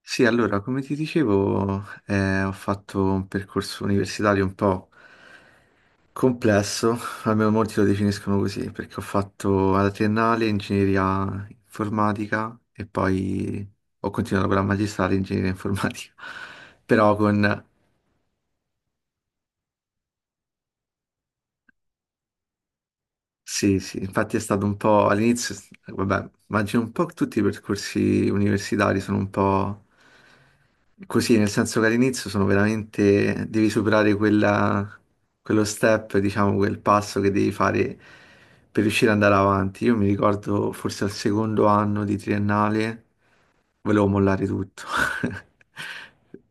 Sì, allora, come ti dicevo, ho fatto un percorso universitario un po' complesso, almeno molti lo definiscono così, perché ho fatto alla triennale ingegneria informatica e poi ho continuato con la magistrale in ingegneria informatica, però con sì, sì, infatti è stato un po' all'inizio, vabbè, immagino un po' tutti i percorsi universitari sono un po' così, nel senso che all'inizio sono veramente, devi superare quello step, diciamo, quel passo che devi fare per riuscire ad andare avanti. Io mi ricordo forse al secondo anno di triennale volevo mollare tutto.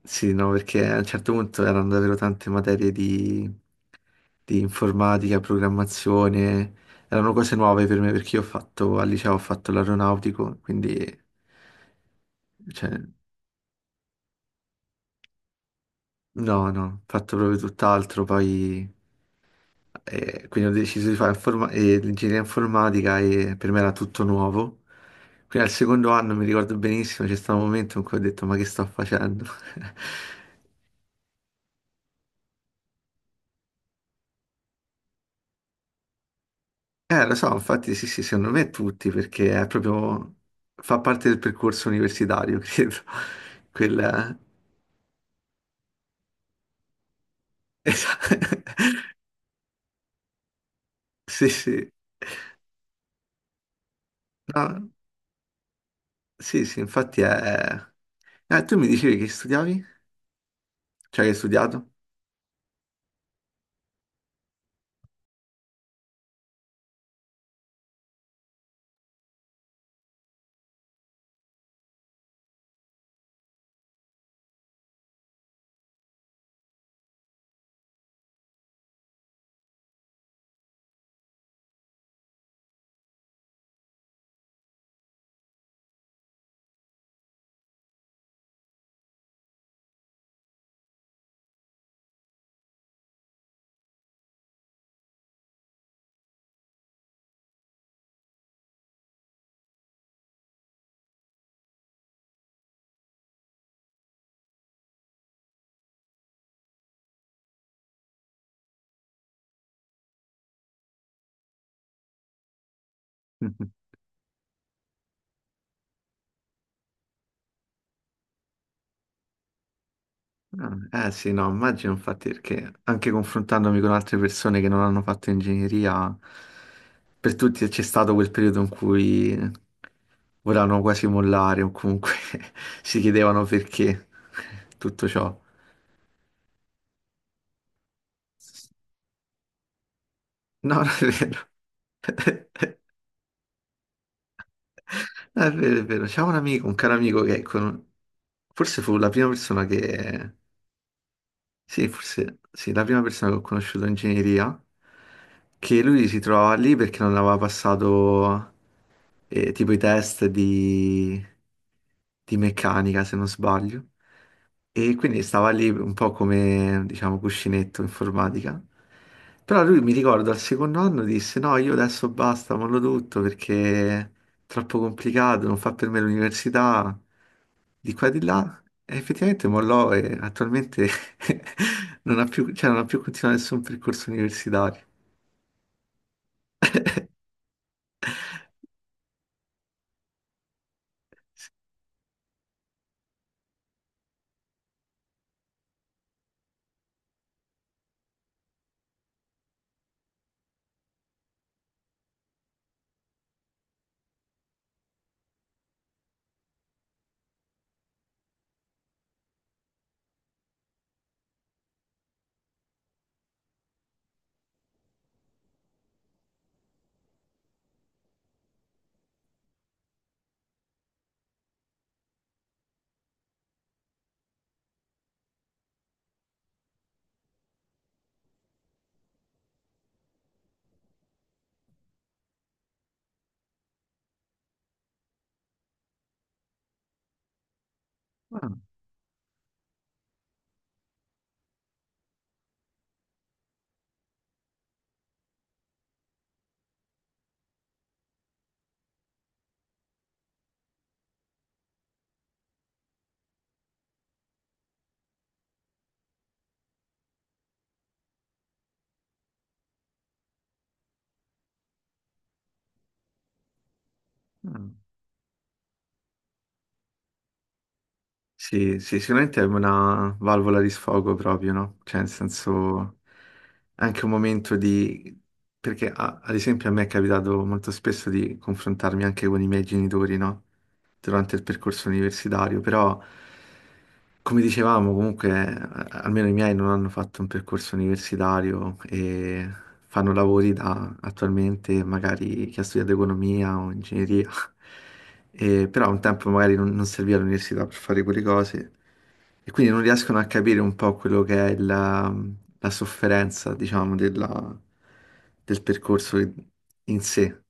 Sì, no, perché a un certo punto erano davvero tante materie di informatica, programmazione, erano cose nuove per me perché io ho fatto, al liceo ho fatto l'aeronautico, quindi, cioè, no, no, ho fatto proprio tutt'altro, poi, quindi ho deciso di fare l'ingegneria informatica e per me era tutto nuovo. Quindi al secondo anno mi ricordo benissimo, c'è stato un momento in cui ho detto ma che sto facendo? Lo so, infatti sì, sì, secondo me tutti, perché è proprio, fa parte del percorso universitario, credo. Quella... Esa- Sì, sì. No, sì, sì, infatti è... tu mi dicevi che studiavi? Cioè, che hai studiato? Ah, eh sì, no, immagino infatti perché anche confrontandomi con altre persone che non hanno fatto ingegneria, per tutti c'è stato quel periodo in cui volevano quasi mollare o comunque si chiedevano perché tutto ciò. No, non è vero. No, è vero, è vero. C'è un amico, un caro amico forse fu la prima persona che sì, forse sì, la prima persona che ho conosciuto in ingegneria, che lui si trovava lì perché non aveva passato tipo i test di meccanica, se non sbaglio, e quindi stava lì un po' come, diciamo, cuscinetto informatica. Però lui mi ricordo al secondo anno disse: No, io adesso basta, mollo tutto perché è troppo complicato, non fa per me l'università di qua e di là, e effettivamente mollò e attualmente non ha più, cioè, non ha più continuato nessun percorso universitario. Ah, ah. Sì, sì, sicuramente è una valvola di sfogo proprio, no? Cioè, nel senso, anche un momento di... Perché, ad esempio, a me è capitato molto spesso di confrontarmi anche con i miei genitori, no? Durante il percorso universitario, però, come dicevamo, comunque, almeno i miei non hanno fatto un percorso universitario e fanno lavori da attualmente, magari chi ha studiato economia o ingegneria. E- però un tempo magari non serviva l'università per fare quelle cose e quindi non riescono a capire un po' quello che è la sofferenza, diciamo, del percorso in sé.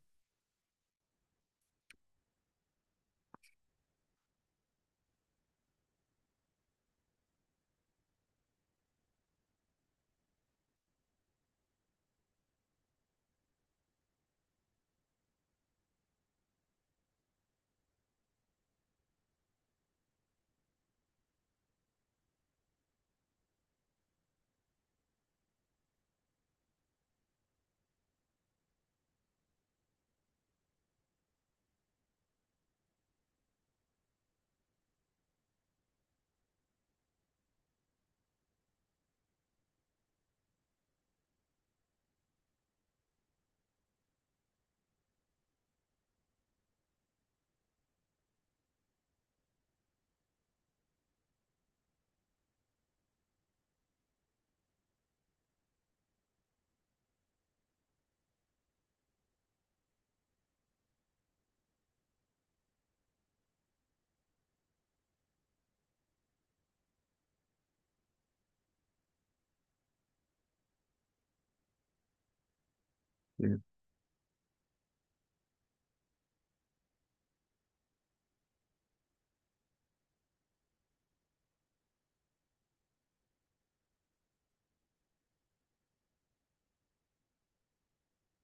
Eh,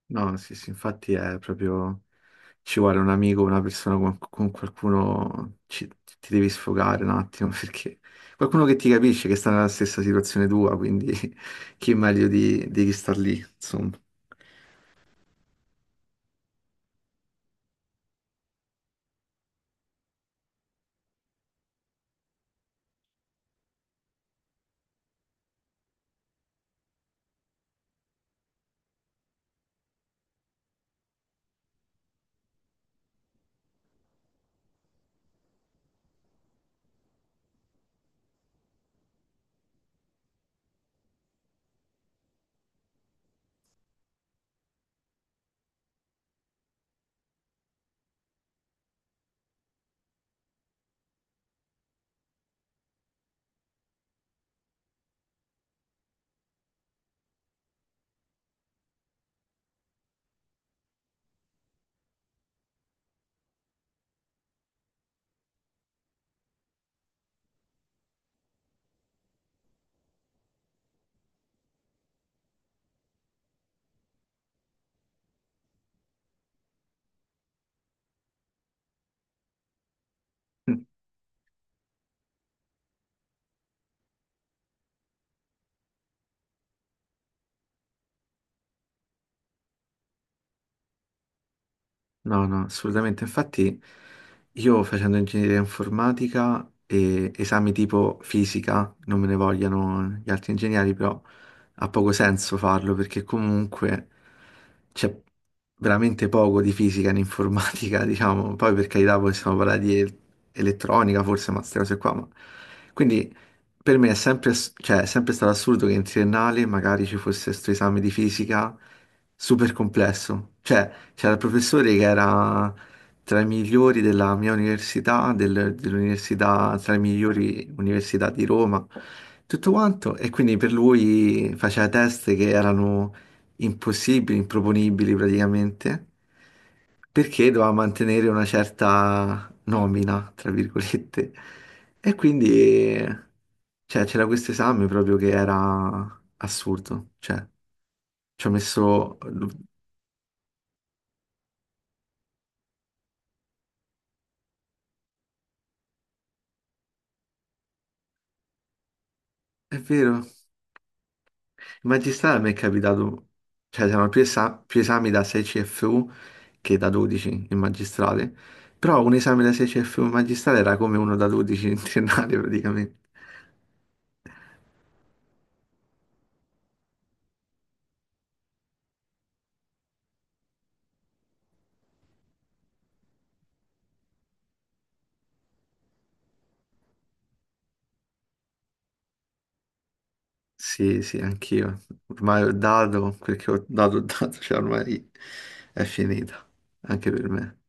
No, sì, sì, infatti è proprio, ci vuole un amico, una persona con qualcuno, ci- ti devi sfogare un attimo perché qualcuno che ti capisce, che sta nella stessa situazione tua, quindi chi meglio di chi sta lì, insomma. No, no, assolutamente. Infatti io facendo ingegneria informatica e esami tipo fisica, non me ne vogliano gli altri ingegneri, però ha poco senso farlo perché comunque c'è veramente poco di fisica in informatica, diciamo. Poi per carità possiamo parlare di elettronica forse, ma queste cose qua. Ma- quindi per me è sempre, ass- cioè, è sempre stato assurdo che in triennale magari ci fosse questo esame di fisica super complesso. Cioè, c'era il professore che era tra i migliori della mia università, dell'università, tra le migliori università di Roma, tutto quanto. E quindi per lui faceva test che erano impossibili, improponibili praticamente, perché doveva mantenere una certa nomina, tra virgolette. E quindi, eh, cioè, c'era questo esame proprio che era assurdo. Cioè, ci ho messo... È vero. In magistrale mi è capitato... Cioè, c'erano più esami da 6 CFU che da 12 in magistrale. Però un esame da 6 CFU in magistrale era come uno da 12 in triennale, praticamente. Sì, sì, anch'io. Ormai ho dato quel che ho dato, cioè ormai è finita, anche per me.